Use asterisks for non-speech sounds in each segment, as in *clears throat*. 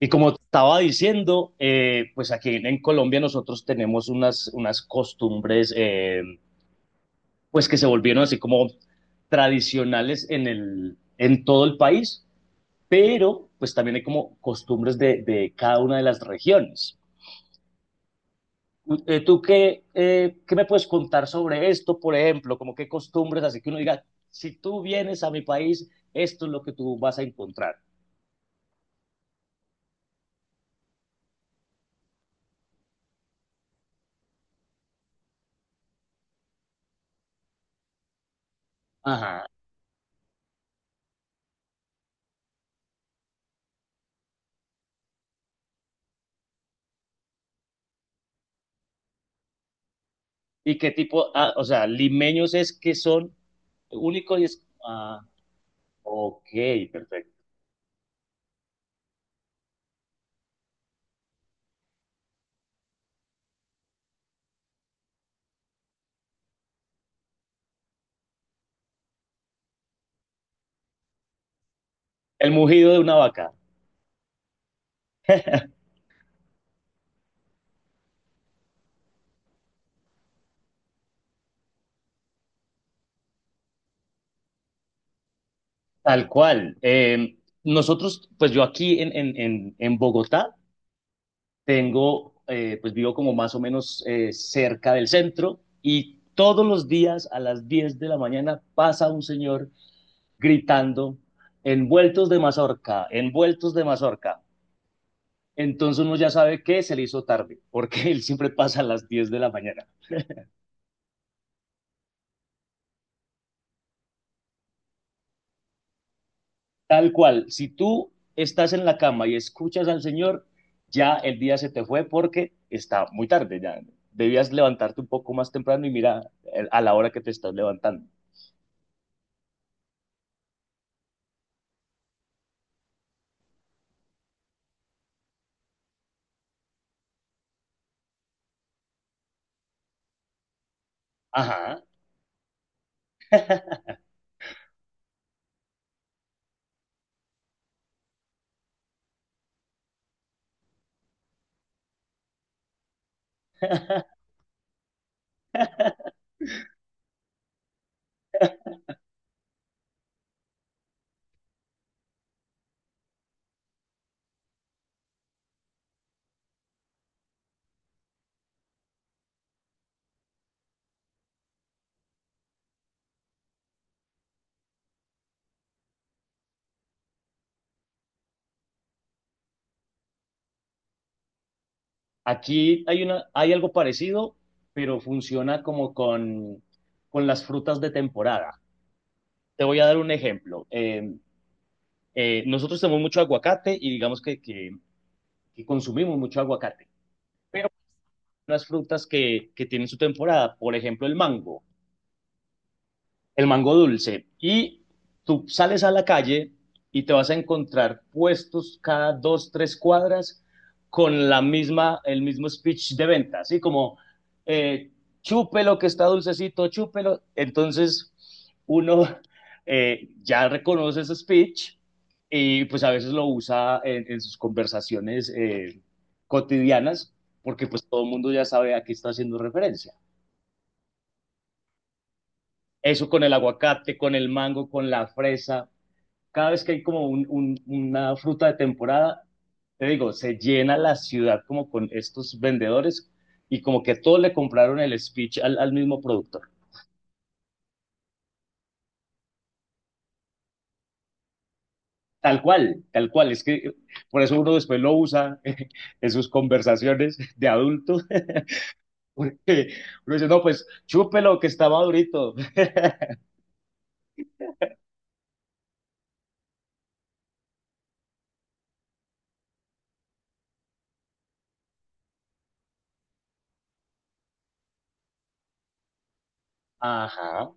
Y como te estaba diciendo, pues aquí en Colombia nosotros tenemos unas costumbres pues que se volvieron así como tradicionales en todo el país, pero pues también hay como costumbres de cada una de las regiones. ¿Tú qué, qué me puedes contar sobre esto, por ejemplo? Como qué costumbres, así que uno diga, si tú vienes a mi país, esto es lo que tú vas a encontrar. Ajá. ¿Y qué tipo, ah, o sea, limeños es que son único y es. Ah, ok, perfecto. El mugido de una vaca, tal cual. Nosotros, pues yo aquí en Bogotá tengo, pues vivo como más o menos cerca del centro y todos los días a las 10 de la mañana pasa un señor gritando envueltos de mazorca, envueltos de mazorca. Entonces uno ya sabe que se le hizo tarde, porque *laughs* él siempre pasa a las 10 de la mañana. Tal cual, si tú estás en la cama y escuchas al Señor, ya el día se te fue porque está muy tarde, ya debías levantarte un poco más temprano y mira a la hora que te estás levantando. Ajá. *laughs* Aquí hay algo parecido, pero funciona como con las frutas de temporada. Te voy a dar un ejemplo. Nosotros tenemos mucho aguacate y digamos que consumimos mucho aguacate, pero hay unas frutas que tienen su temporada, por ejemplo el mango. El mango dulce. Y tú sales a la calle y te vas a encontrar puestos cada dos, tres cuadras con la misma, el mismo speech de venta, así como eh, chúpelo que está dulcecito, chúpelo. Entonces uno ya reconoce ese speech y pues a veces lo usa en sus conversaciones cotidianas porque pues todo el mundo ya sabe a qué está haciendo referencia. Eso con el aguacate, con el mango, con la fresa, cada vez que hay como una fruta de temporada, te digo, se llena la ciudad como con estos vendedores y como que todos le compraron el speech al mismo productor. Tal cual, tal cual. Es que por eso uno después lo usa *laughs* en sus conversaciones de adulto. *laughs* Porque uno dice, no, pues chúpelo que está madurito. *laughs* Ajá.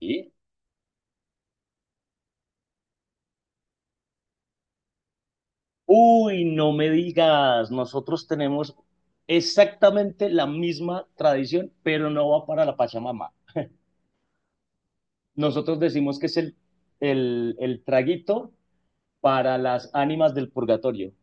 ¿Y? Uy, no me digas, nosotros tenemos exactamente la misma tradición, pero no va para la Pachamama. Nosotros decimos que es el traguito para las ánimas del purgatorio.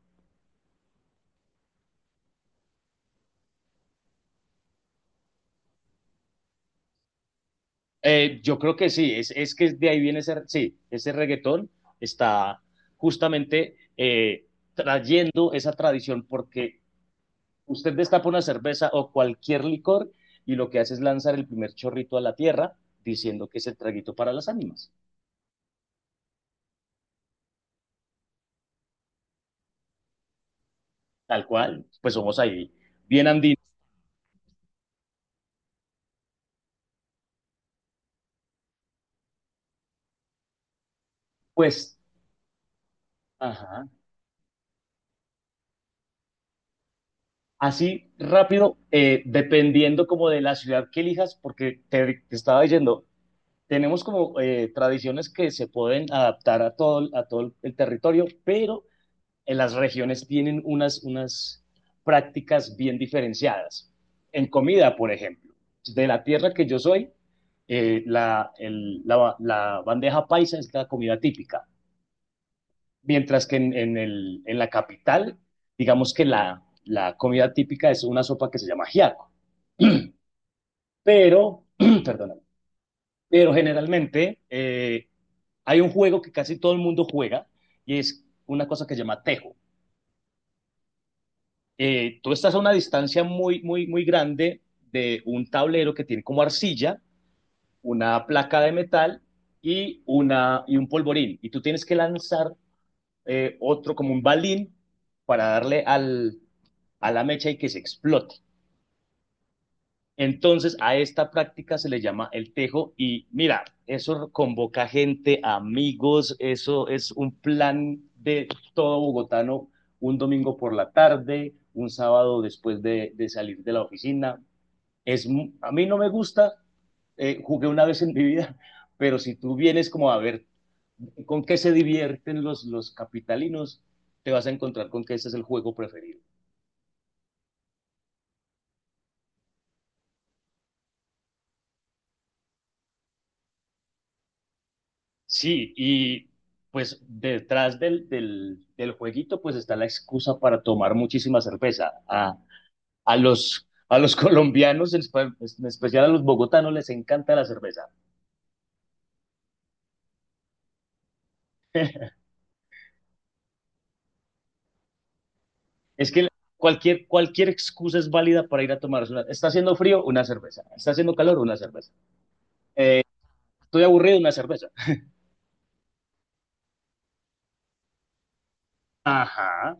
Yo creo que sí, que de ahí viene ese, sí, ese reggaetón, está justamente trayendo esa tradición porque usted destapa una cerveza o cualquier licor y lo que hace es lanzar el primer chorrito a la tierra diciendo que es el traguito para las ánimas, tal cual, pues somos ahí bien andinos, pues, ajá, así rápido, dependiendo como de la ciudad que elijas, porque te estaba diciendo, tenemos como tradiciones que se pueden adaptar a todo, a todo el territorio, pero en las regiones tienen unas prácticas bien diferenciadas. En comida, por ejemplo, de la tierra que yo soy, la bandeja paisa es la comida típica, mientras que en la capital, digamos que la comida típica es una sopa que se llama ajiaco. *clears throat* Pero, *coughs* perdóname, pero generalmente hay un juego que casi todo el mundo juega y es una cosa que se llama tejo. Tú estás a una distancia muy, muy, muy grande de un tablero que tiene como arcilla, una placa de metal y, una, y un polvorín. Y tú tienes que lanzar otro como un balín para darle al, a la mecha y que se explote. Entonces, a esta práctica se le llama el tejo y mira, eso convoca gente, amigos, eso es un plan de todo bogotano, un domingo por la tarde, un sábado después de salir de la oficina. Es, a mí no me gusta, jugué una vez en mi vida, *laughs* pero si tú vienes como a ver con qué se divierten los capitalinos, te vas a encontrar con que ese es el juego preferido. Sí, y pues detrás del jueguito pues está la excusa para tomar muchísima cerveza. A los *laughs* colombianos, en especial a los bogotanos, les encanta la cerveza. Es que cualquier excusa es válida para ir a tomarse una. Está haciendo frío, una cerveza. Está haciendo calor, una cerveza. Estoy aburrido, una cerveza. Ajá,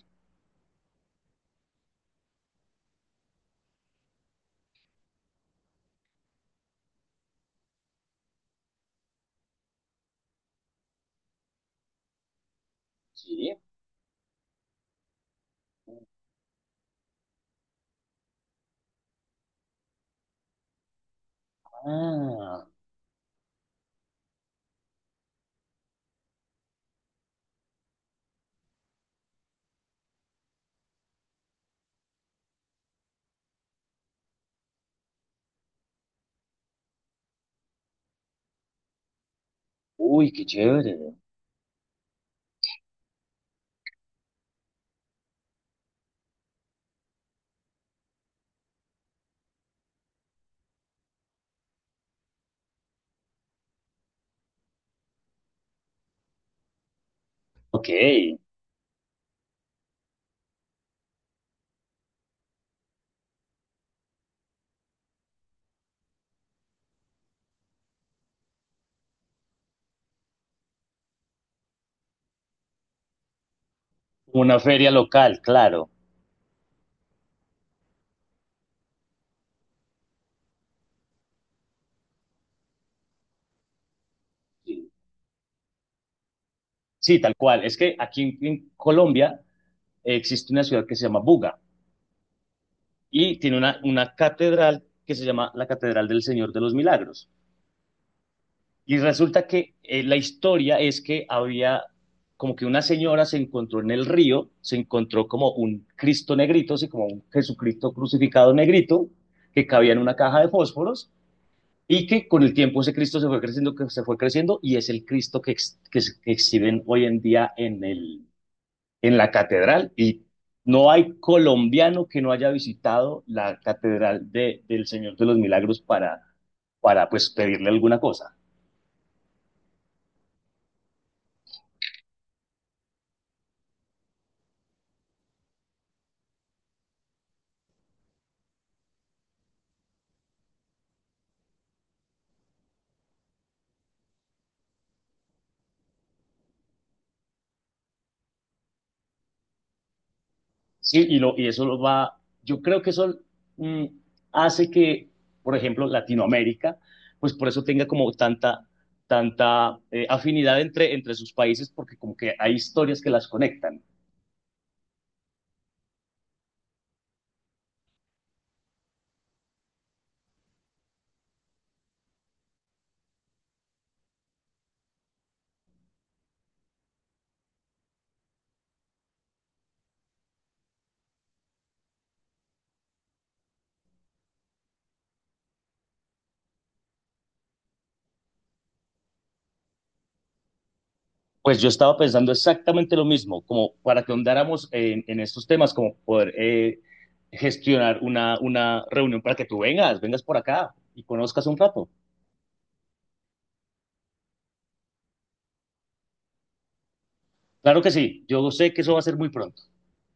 sí. Ah, uy, qué chévere. Ok, una feria local, claro. Sí, sí, tal cual. Es que aquí en Colombia existe una ciudad que se llama Buga y tiene una catedral que se llama la Catedral del Señor de los Milagros. Y resulta que la historia es que había como que una señora se encontró en el río, se encontró como un Cristo negrito, así como un Jesucristo crucificado negrito, que cabía en una caja de fósforos y que con el tiempo ese Cristo se fue creciendo, que se fue creciendo y es el Cristo que exhiben hoy en día en el, en la catedral y no hay colombiano que no haya visitado la catedral del Señor de los Milagros para pues pedirle alguna cosa. Sí, y eso lo va, yo creo que eso mm, hace que, por ejemplo, Latinoamérica, pues por eso tenga como tanta, tanta afinidad entre sus países, porque como que hay historias que las conectan. Pues yo estaba pensando exactamente lo mismo, como para que ahondáramos en estos temas, como poder gestionar una reunión para que tú vengas, vengas por acá y conozcas un rato. Claro que sí, yo sé que eso va a ser muy pronto.